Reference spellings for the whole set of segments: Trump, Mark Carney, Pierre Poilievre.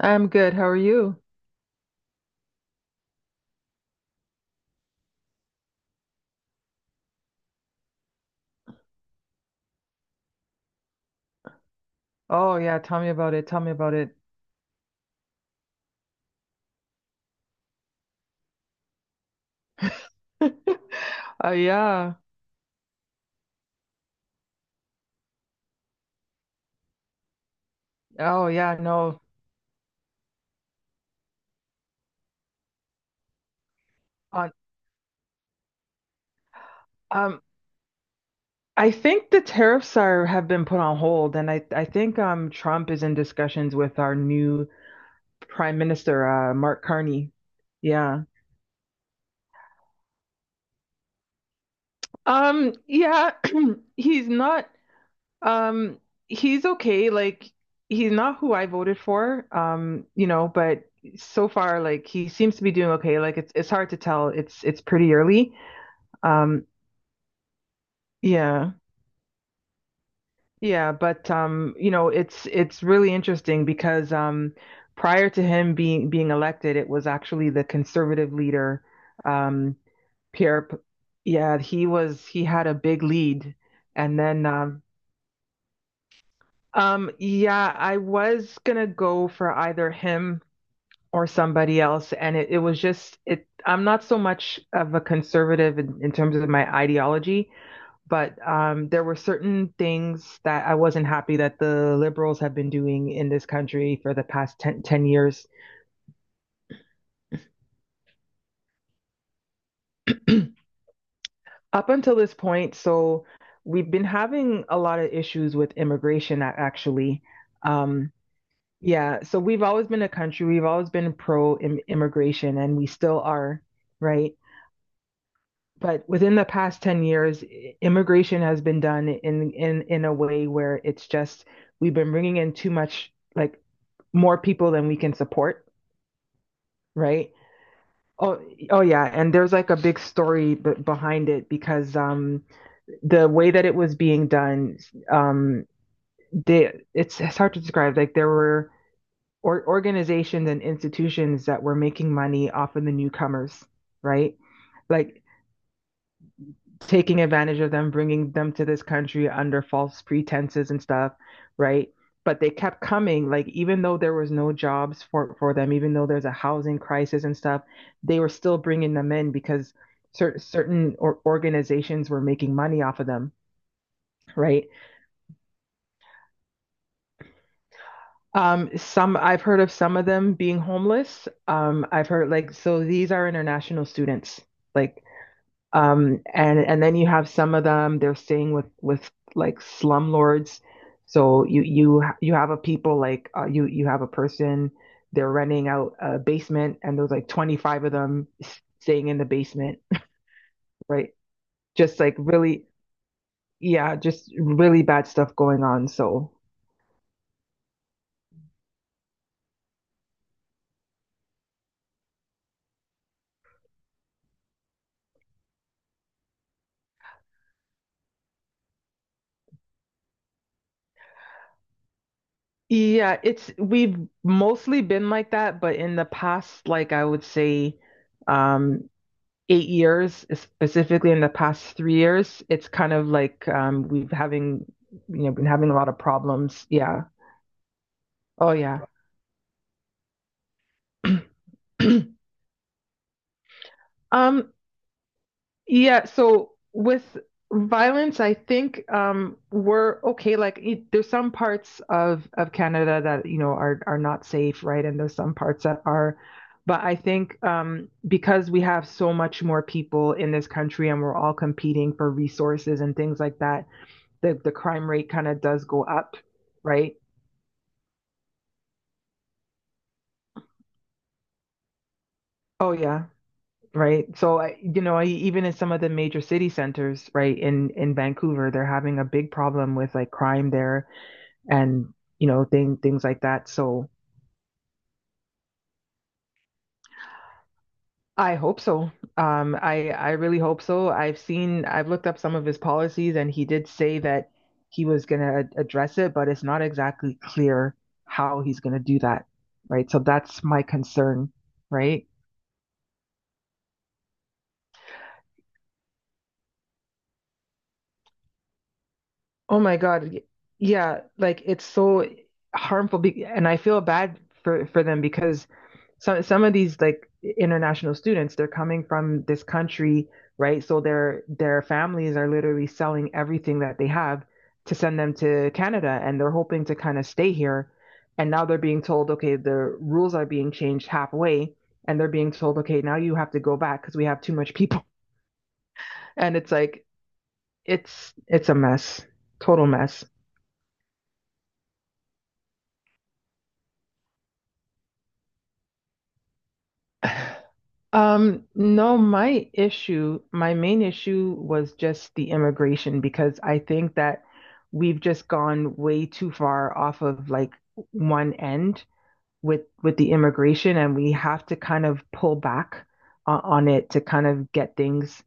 I'm good. How are you? Oh yeah, tell me about it. Tell me about it. Oh yeah. Oh yeah, no. On um I think the tariffs are have been put on hold, and I think Trump is in discussions with our new Prime Minister Mark Carney. Yeah. Yeah, he's not um he's okay, like he's not who I voted for, but so far like he seems to be doing okay. Like it's hard to tell. It's pretty early. Um, yeah, yeah, but it's really interesting because, prior to him being elected, it was actually the conservative leader, um, Pierre. Yeah, he had a big lead, and then yeah, I was gonna go for either him or somebody else, and it was just it. I'm not so much of a conservative in terms of my ideology. But there were certain things that I wasn't happy that the liberals have been doing in this country for the past 10 10 years up until this point. So we've been having a lot of issues with immigration, actually. Um, yeah, so we've always been a country, we've always been pro immigration, and we still are, right? But within the past 10 years immigration has been done in a way where it's just we've been bringing in too much, like more people than we can support, right? Oh oh yeah, and there's like a big story b behind it because, the way that it was being done, um they it's hard to describe. Like there were or organizations and institutions that were making money off of the newcomers, right? Like taking advantage of them, bringing them to this country under false pretenses and stuff, right? But they kept coming, like even though there was no jobs for them, even though there's a housing crisis and stuff, they were still bringing them in because certain organizations were making money off of them, right? Some, I've heard of some of them being homeless. I've heard, like, so these are international students, like. And then you have some of them, they're staying with like slumlords. So you have a people like, you have a person, they're renting out a basement and there's like 25 of them staying in the basement, right? Just like really, yeah, just really bad stuff going on. So yeah, it's we've mostly been like that, but in the past, like I would say, um 8 years, specifically in the past 3 years, it's kind of like, we've having you know, been having a lot of problems. Yeah. Oh yeah. um. Yeah. So with violence, I think we're okay. Like there's some parts of Canada that, you know, are not safe, right? And there's some parts that are. But I think, because we have so much more people in this country and we're all competing for resources and things like that, the crime rate kind of does go up, right? Oh yeah, right. So I, you know, I, even in some of the major city centers, right, in Vancouver, they're having a big problem with like crime there, and, you know, things like that. So I hope so. I really hope so. I've looked up some of his policies and he did say that he was going to address it, but it's not exactly clear how he's going to do that, right? So that's my concern, right? Oh my God. Yeah, like it's so harmful, be and I feel bad for them because some of these like international students, they're coming from this country, right? So their families are literally selling everything that they have to send them to Canada and they're hoping to kind of stay here. And now they're being told, okay, the rules are being changed halfway, and they're being told, okay, now you have to go back because we have too much people. And it's like it's a mess. Total mess. No, my issue, my main issue was just the immigration, because I think that we've just gone way too far off of like one end with the immigration, and we have to kind of pull back on it to kind of get things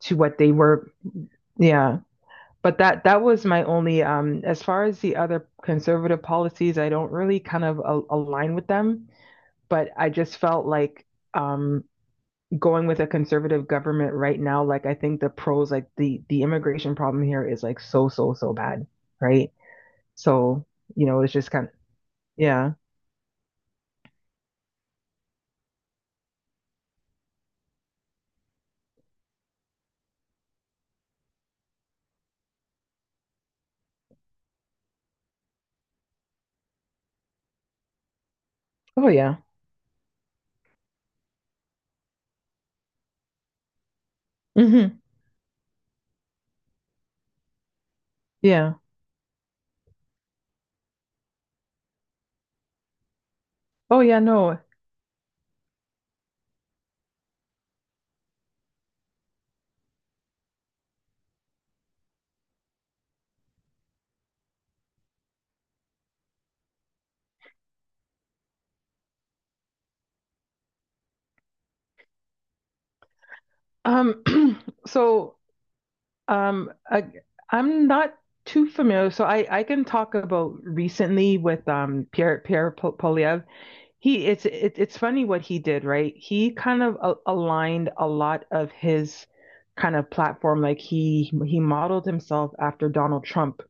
to what they were. Yeah. But that was my only, as far as the other conservative policies, I don't really kind of a align with them, but I just felt like, um going with a conservative government right now, like I think the pros, like the immigration problem here is like so so so bad, right? So, you know, it's just kind of yeah. Oh yeah. Hmm. Yeah. Oh yeah. No. Um. So, um, I, I'm not too familiar. So I can talk about recently with Pierre Poliev. He it's funny what he did, right? He kind of aligned a lot of his kind of platform, like he modeled himself after Donald Trump,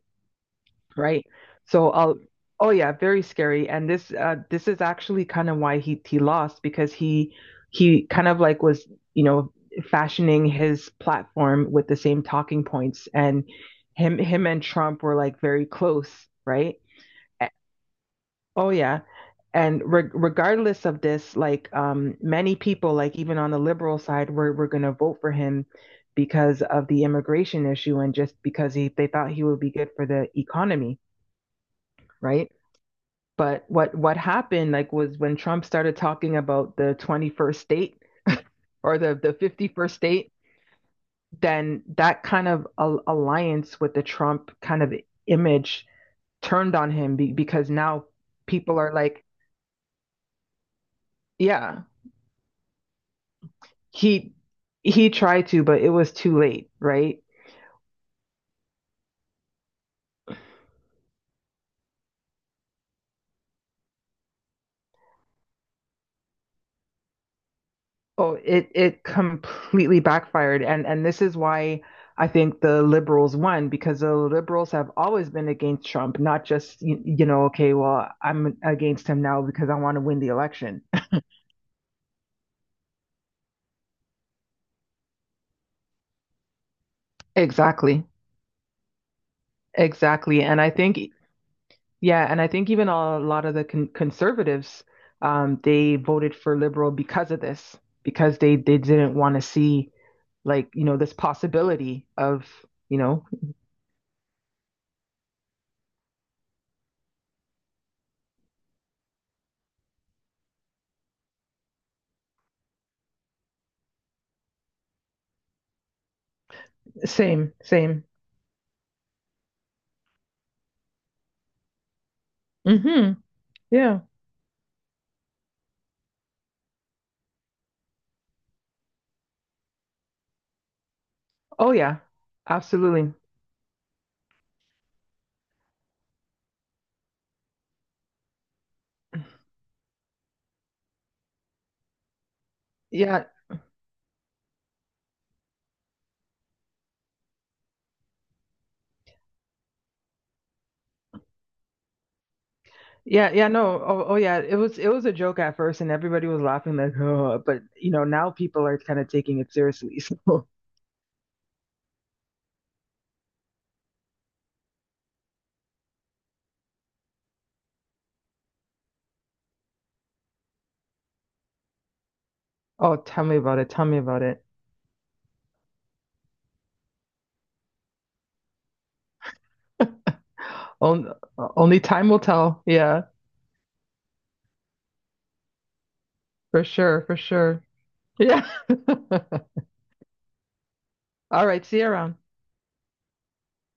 right? So, oh yeah, very scary. And this, this is actually kind of why he lost because he kind of like was, you know, fashioning his platform with the same talking points, and him and Trump were like very close, right? Oh yeah, and regardless of this, like many people, like even on the liberal side, were going to vote for him because of the immigration issue and just because he they thought he would be good for the economy, right? But what happened, like, was when Trump started talking about the 21st state, or the 51st state, then that kind of alliance with the Trump kind of image turned on him, because now people are like, yeah. He he tried to, but it was too late, right? Oh, it completely backfired, and this is why I think the liberals won, because the liberals have always been against Trump, not just, you know, okay, well, I'm against him now because I want to win the election. Exactly, exactly, and I think yeah, and I think even a lot of the conservatives, they voted for liberal because of this, because they didn't want to see, like, you know, this possibility of, you know, same same. Mm-hmm. Yeah. Oh yeah. Absolutely. yeah yeah no. Oh yeah, it was a joke at first and everybody was laughing, like, oh, but you know, now people are kind of taking it seriously. So, oh, tell me about it, tell me about it. Only, only time will tell. Yeah, for sure, for sure. Yeah. All right, see you around.